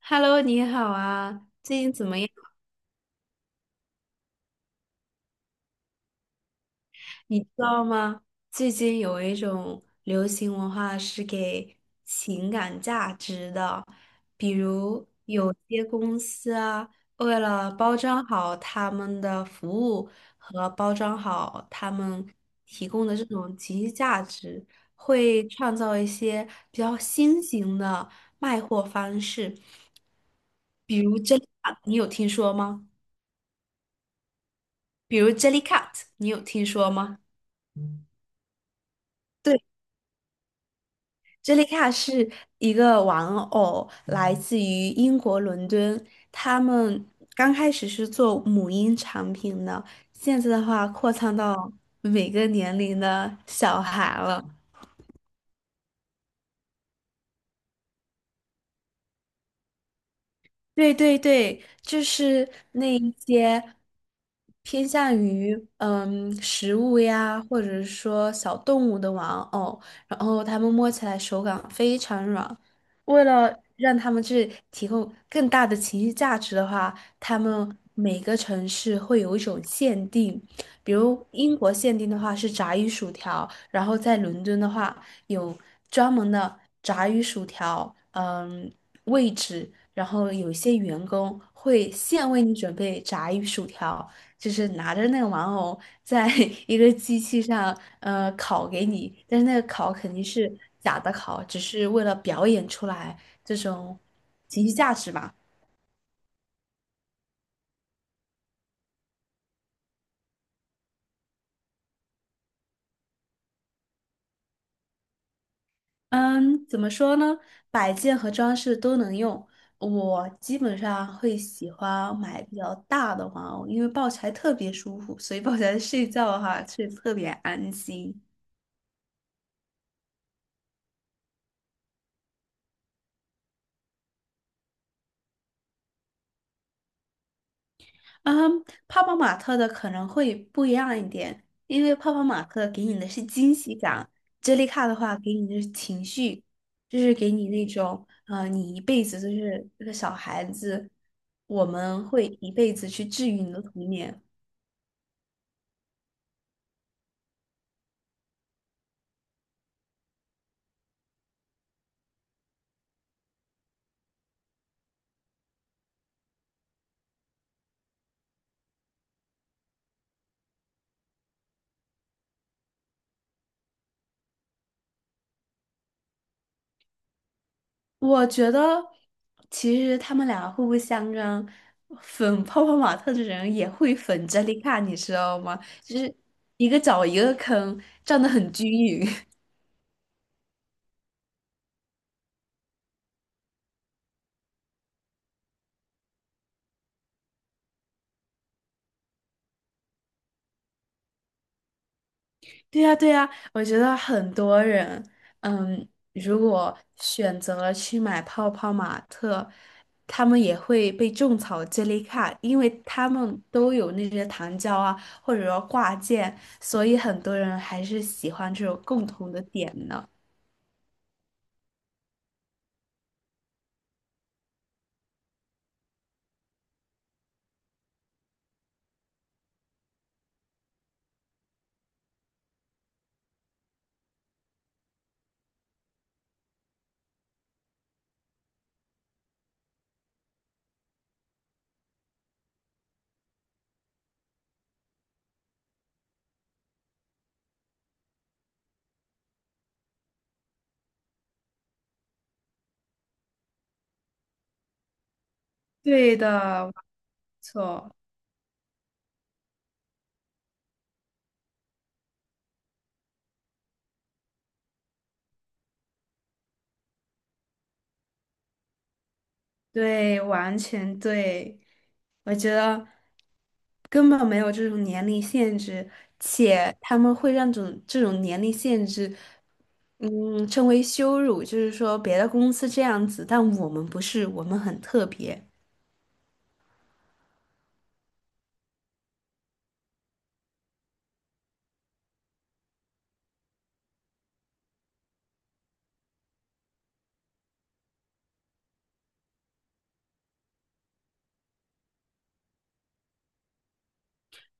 Hello，你好啊，最近怎么样？你知道吗？最近有一种流行文化是给情感价值的，比如有些公司啊，为了包装好他们的服务和包装好他们提供的这种情绪价值，会创造一些比较新型的卖货方式，比如 Jellycat，你有听说吗？比如 Jellycat，你有听说吗？对，j e l 杰里卡是一个玩偶，来自于英国伦敦。他们刚开始是做母婴产品的，现在的话扩仓到每个年龄的小孩了。对对对，就是那一些偏向于食物呀，或者是说小动物的玩偶，然后他们摸起来手感非常软。为了让他们去提供更大的情绪价值的话，他们每个城市会有一种限定，比如英国限定的话是炸鱼薯条，然后在伦敦的话有专门的炸鱼薯条，位置。然后有一些员工会现为你准备炸鱼薯条，就是拿着那个玩偶在 一个机器上烤给你，但是那个烤肯定是假的烤，只是为了表演出来这种情绪价值吧。嗯，怎么说呢？摆件和装饰都能用。我基本上会喜欢买比较大的玩偶，因为抱起来特别舒服，所以抱起来睡觉的话，睡得特别安心。嗯，泡泡玛特的可能会不一样一点，因为泡泡玛特给你的是惊喜感，接力卡的话给你的是情绪，就是给你那种，呃，你一辈子就是这个小孩子，我们会一辈子去治愈你的童年。我觉得其实他们俩互不相让，粉泡泡玛特的人也会粉 j e l 杰丽卡，你知道吗？就是一个找一个坑，站得很均匀。对呀，对呀，我觉得很多人，嗯，如果选择了去买泡泡玛特，他们也会被种草 j e l 这类卡，因为他们都有那些糖胶啊，或者说挂件，所以很多人还是喜欢这种共同的点呢。对的，没错，对，完全对。我觉得根本没有这种年龄限制，且他们会让这种年龄限制。嗯，称为羞辱，就是说别的公司这样子，但我们不是，我们很特别。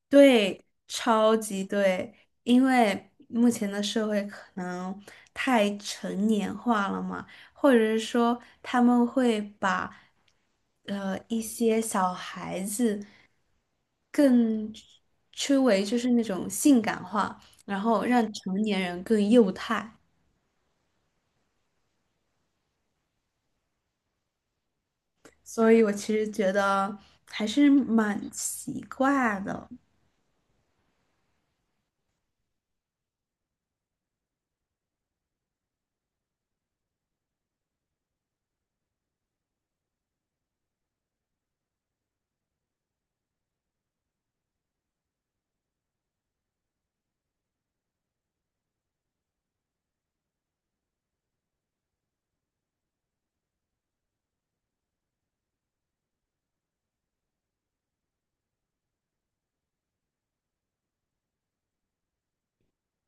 对，超级对，因为目前的社会可能太成年化了嘛，或者是说他们会把一些小孩子更称为就是那种性感化，然后让成年人更幼态。所以我其实觉得还是蛮奇怪的。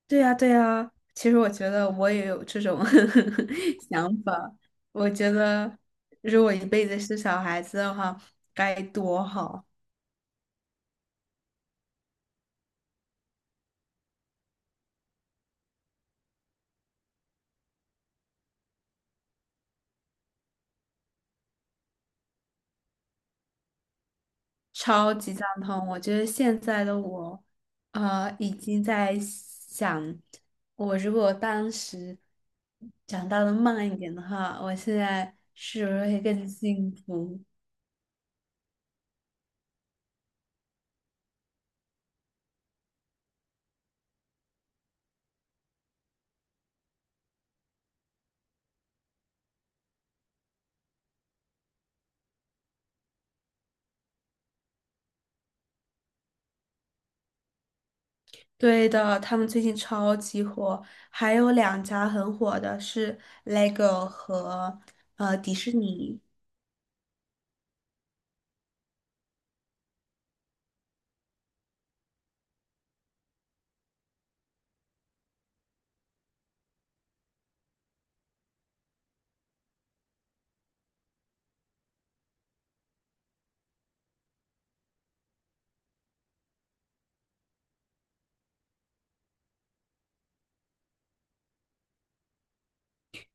对呀，对呀，其实我觉得我也有这种 想法。我觉得如果一辈子是小孩子的话，该多好，超级赞同。我觉得现在的我，啊，已经在想，我如果当时长大的慢一点的话，我现在是不是会更幸福？对的，他们最近超级火，还有两家很火的是 LEGO 和迪士尼。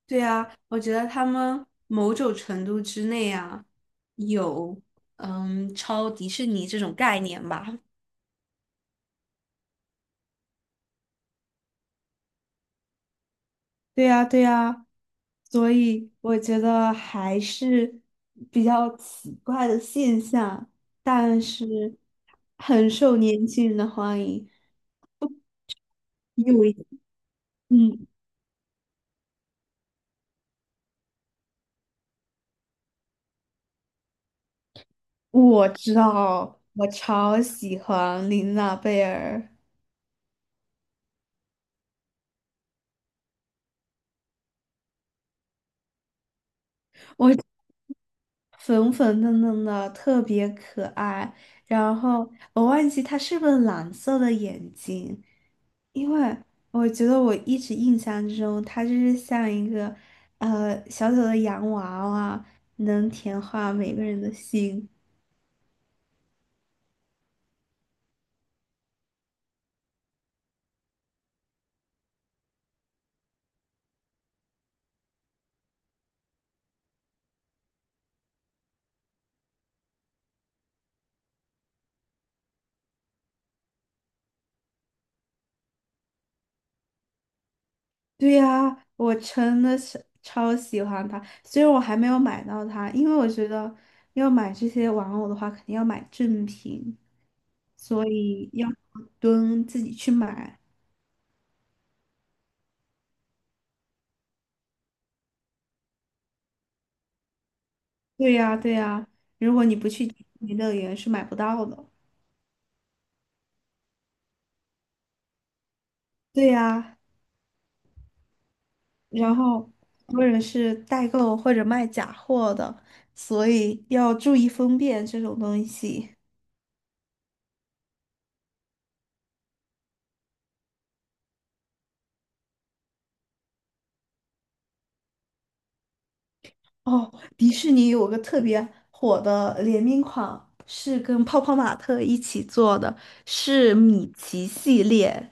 对啊，我觉得他们某种程度之内啊，有超迪士尼这种概念吧。对呀，对呀，所以我觉得还是比较奇怪的现象，但是很受年轻人的欢迎。有一，嗯。我知道，我超喜欢琳娜贝儿，我粉粉嫩嫩的，特别可爱。然后我忘记她是不是蓝色的眼睛，因为我觉得我一直印象中她就是像一个小小的洋娃娃，能甜化每个人的心。对呀，我真的是超喜欢它，虽然我还没有买到它，因为我觉得要买这些玩偶的话，肯定要买正品，所以要蹲自己去买。对呀，对呀，如果你不去迪士尼乐园是买不到的。对呀，然后很多人是代购或者卖假货的，所以要注意分辨这种东西。哦，迪士尼有个特别火的联名款，是跟泡泡玛特一起做的，是米奇系列。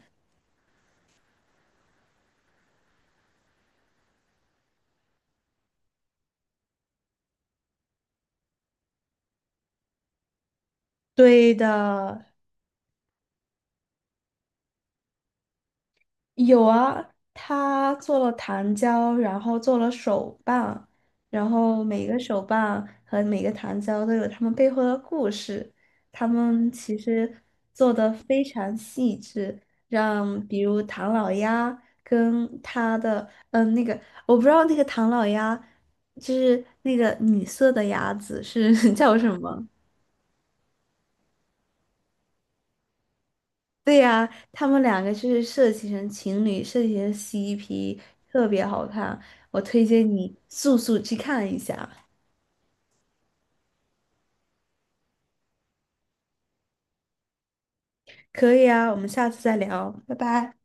对的，有啊，他做了糖胶，然后做了手办，然后每个手办和每个糖胶都有他们背后的故事。他们其实做的非常细致，让比如唐老鸭跟他的那个，我不知道那个唐老鸭就是那个女色的鸭子是 叫什么。对呀，他们两个就是设计成情侣，设计成 CP，特别好看。我推荐你速速去看一下。可以啊，我们下次再聊，拜拜。